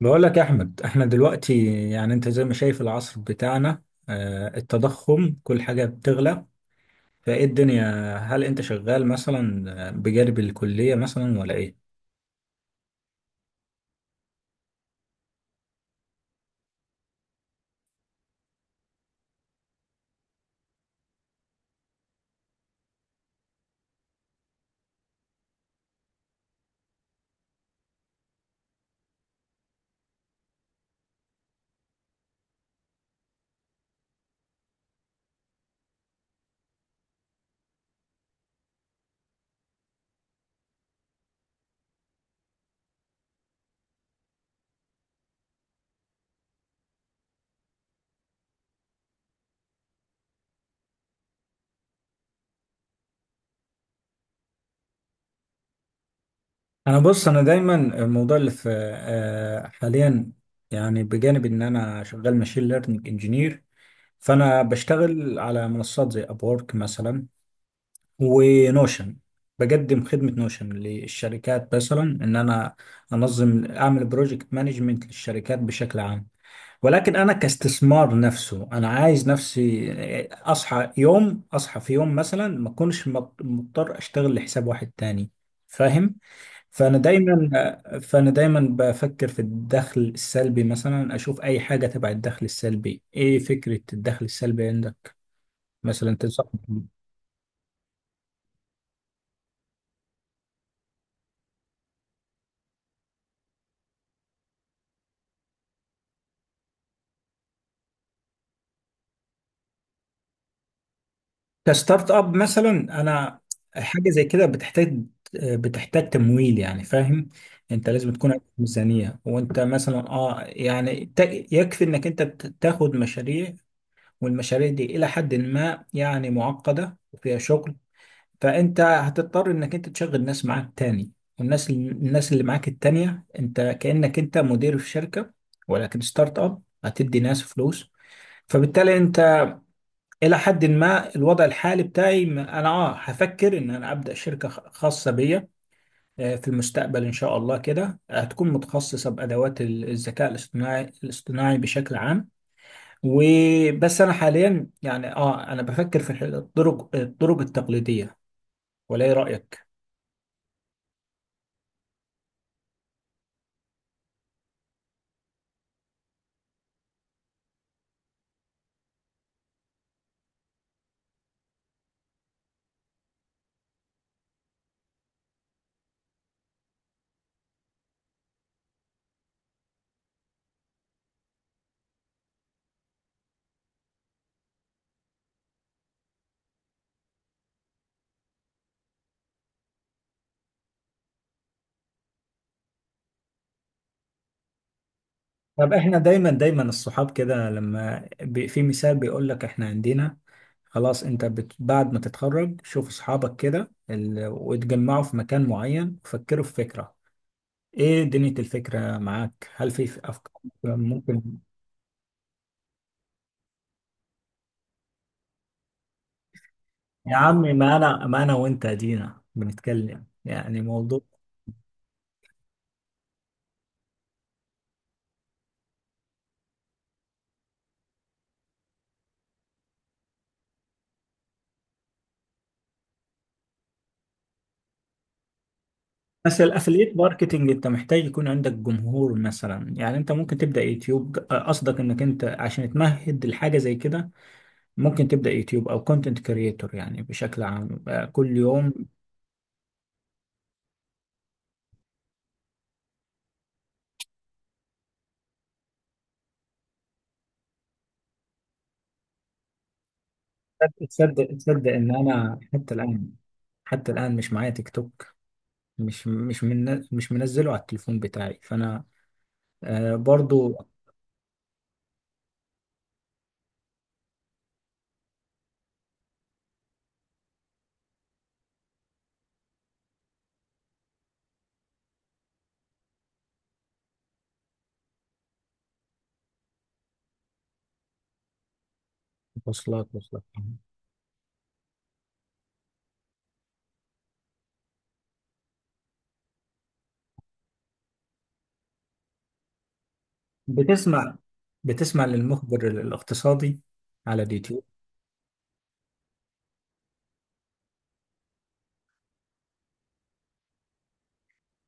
بقول لك يا احمد، احنا دلوقتي انت زي ما شايف العصر بتاعنا. التضخم، كل حاجة بتغلى فايه الدنيا. هل انت شغال مثلا بجانب الكلية مثلا ولا ايه؟ انا بص، انا دايما الموضوع اللي في حاليا، بجانب ان انا شغال ماشين ليرنينج انجينير. فانا بشتغل على منصات زي ابورك مثلا، ونوشن. بقدم خدمة نوشن للشركات، مثلا ان انا انظم، اعمل بروجكت مانجمنت للشركات بشكل عام. ولكن انا كاستثمار نفسه، انا عايز نفسي اصحى في يوم مثلا ما اكونش مضطر اشتغل لحساب واحد تاني. فاهم؟ فانا دايما فانا دايما بفكر في الدخل السلبي. مثلا اشوف اي حاجه تبع الدخل السلبي. ايه فكره الدخل السلبي عندك مثلا؟ تنصحني كستارت اب مثلا؟ انا حاجه زي كده بتحتاج تمويل. يعني فاهم، انت لازم تكون عندك ميزانيه، وانت مثلا يعني يكفي انك انت تاخد مشاريع، والمشاريع دي الى حد ما يعني معقده وفيها شغل. فانت هتضطر انك انت تشغل ناس معاك تاني. والناس، اللي معاك التانيه، انت كانك انت مدير في شركه، ولكن ستارت اب هتدي ناس فلوس. فبالتالي انت الى حد ما الوضع الحالي بتاعي انا هفكر ان انا ابدا شركه خاصه بيا في المستقبل ان شاء الله. كده هتكون متخصصه بادوات الذكاء الاصطناعي بشكل عام. وبس انا حاليا يعني انا بفكر في الطرق، التقليديه. ولا ايه رايك؟ طب احنا دايما الصحاب كده لما في مثال بيقول لك احنا عندنا خلاص، انت بعد ما تتخرج شوف اصحابك كده، ال... وتجمعوا في مكان معين وفكروا في فكرة. ايه دنيا الفكرة معاك؟ هل في افكار ممكن؟ يا عم، ما انا، وانت ادينا بنتكلم يعني موضوع. بس الافليت ماركتنج انت محتاج يكون عندك جمهور مثلا. يعني انت ممكن تبدا يوتيوب. قصدك انك انت عشان تمهد لحاجه زي كده ممكن تبدا يوتيوب او كونتنت كريتور يعني بشكل عام كل يوم. تصدق، تصدق ان انا حتى الان، حتى الان مش معايا تيك توك. مش منزله على التليفون بتاعي. فانا برضو. وصلت، وصلت. بتسمع، بتسمع للمخبر الاقتصادي على اليوتيوب؟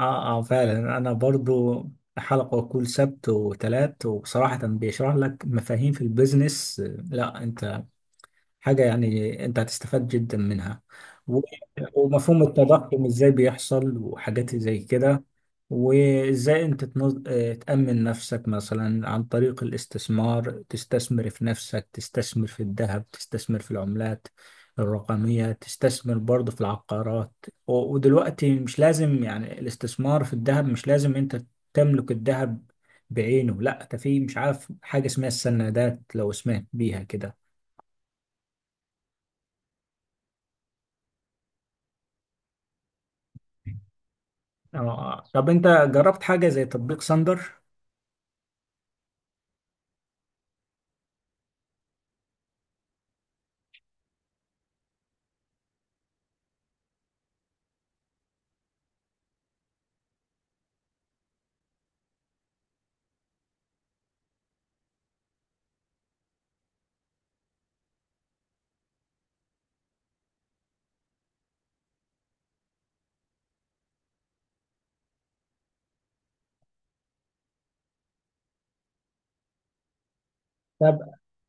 اه اه، فعلا انا برضو. حلقة كل سبت وثلاث، وبصراحة بيشرح لك مفاهيم في البيزنس. لا، انت حاجة يعني انت هتستفاد جدا منها. و- ومفهوم التضخم ازاي بيحصل وحاجات زي كده. وازاي انت اه، تأمن نفسك مثلا عن طريق الاستثمار. تستثمر في نفسك، تستثمر في الذهب، تستثمر في العملات الرقمية، تستثمر برضه في العقارات. ودلوقتي مش لازم، يعني الاستثمار في الذهب مش لازم انت تملك الذهب بعينه. لا، ده في مش عارف حاجة اسمها السندات، لو سمعت بيها كده. اه، طب انت جربت حاجة زي تطبيق ساندر؟ طب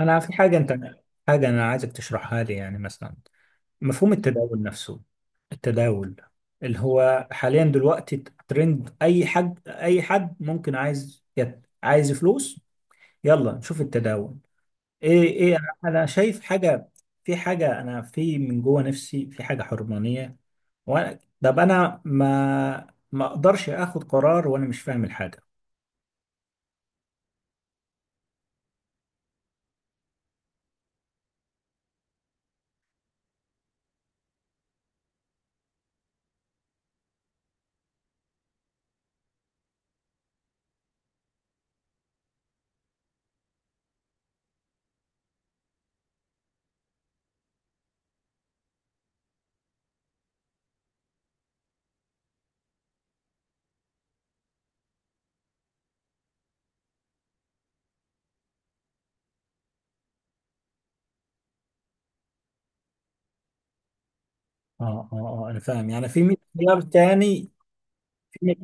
انا في حاجة، انت انا عايزك تشرحها لي. يعني مثلا مفهوم التداول نفسه. التداول اللي هو حاليا دلوقتي ترند. اي حد، ممكن عايز عايز فلوس، يلا نشوف التداول. ايه، ايه، انا شايف حاجة. في حاجة انا في من جوه نفسي، في حاجة حرمانية. وانا طب انا ما اقدرش اخد قرار وانا مش فاهم الحاجة. اه اه اه، انا فاهم. يعني في 100 خيار تاني، في 100.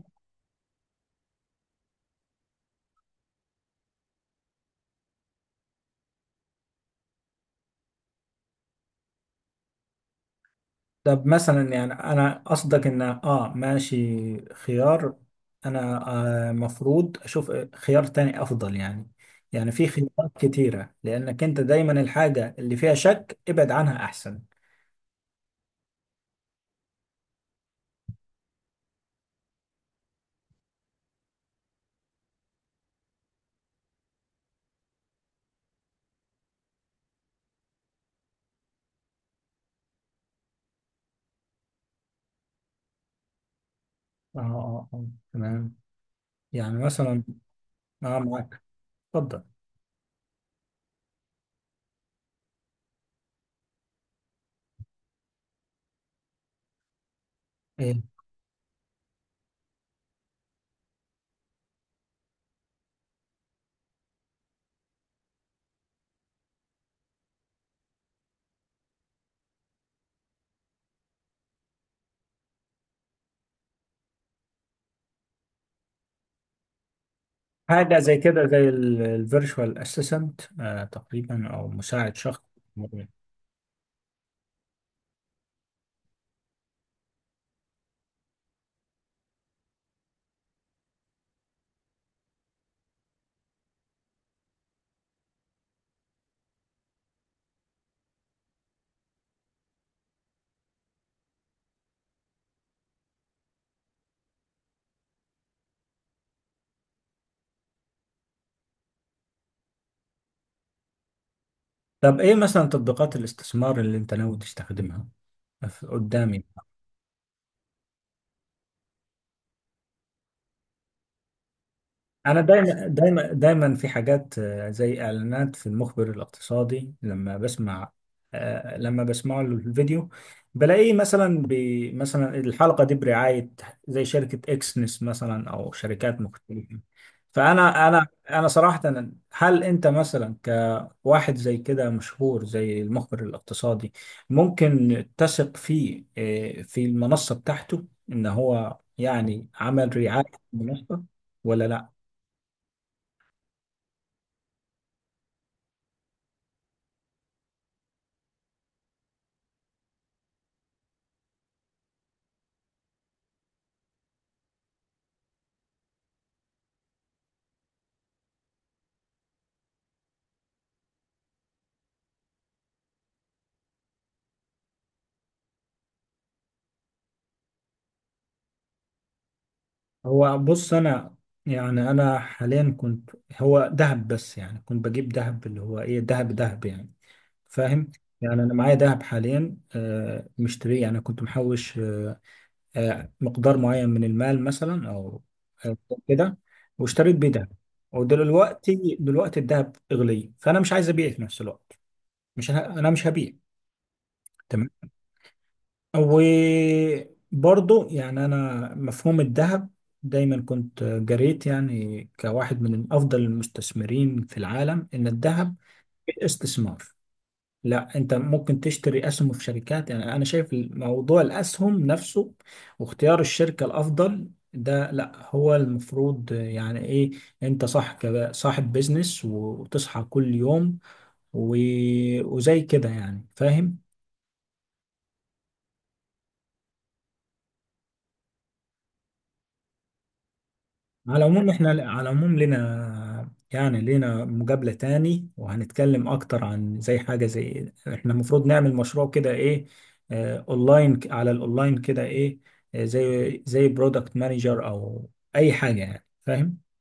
طب مثلا، يعني انا قصدك ان اه ماشي، خيار. انا آه مفروض اشوف خيار تاني افضل يعني. يعني في خيارات كتيرة، لانك انت دايما الحاجة اللي فيها شك ابعد عنها احسن. اه اه اه، تمام. يعني مثلا اه معاك، اتفضل. إيه، حاجة زي كده، زي الفيرتشوال اسيستنت، تقريبا، او مساعد شخص. طب ايه مثلا تطبيقات الاستثمار اللي انت ناوي تستخدمها؟ في- قدامي انا دايما دايما في حاجات زي اعلانات في المخبر الاقتصادي. لما بسمع لما بسمع له الفيديو بلاقيه مثلا مثلا الحلقة دي برعاية زي شركة اكسنس مثلا، او شركات مختلفة. فانا، انا صراحة هل انت مثلا واحد زي كده مشهور زي المخبر الاقتصادي ممكن تثق فيه في المنصة بتاعته، ان هو يعني عمل رعاية المنصة ولا لا؟ هو بص، انا يعني انا حاليا كنت هو ذهب بس. يعني كنت بجيب ذهب، اللي هو ايه، ذهب، ذهب يعني. فاهم؟ يعني انا معايا ذهب حاليا مشتريه. يعني كنت محوش مقدار معين من المال مثلا، او أو كده، واشتريت بيه دهب. ودلوقتي، دلوقتي الدهب اغلي، فانا مش عايز ابيع في نفس الوقت. مش ه... انا مش هبيع. تمام. وبرضه يعني انا مفهوم الذهب دايما كنت جريت، يعني كواحد من افضل المستثمرين في العالم، ان الذهب استثمار. لا، انت ممكن تشتري اسهم في شركات. يعني انا شايف موضوع الاسهم نفسه، واختيار الشركة الافضل ده، لا هو المفروض يعني ايه انت صح كده صاحب بيزنس وتصحى كل يوم وزي كده. يعني فاهم؟ على العموم احنا، على العموم لنا، يعني لنا مقابلة تاني، وهنتكلم اكتر عن زي حاجة زي احنا المفروض نعمل مشروع كده ايه، اه، اونلاين، على الاونلاين كده ايه زي برودكت مانجر او اي حاجة. يعني فاهم؟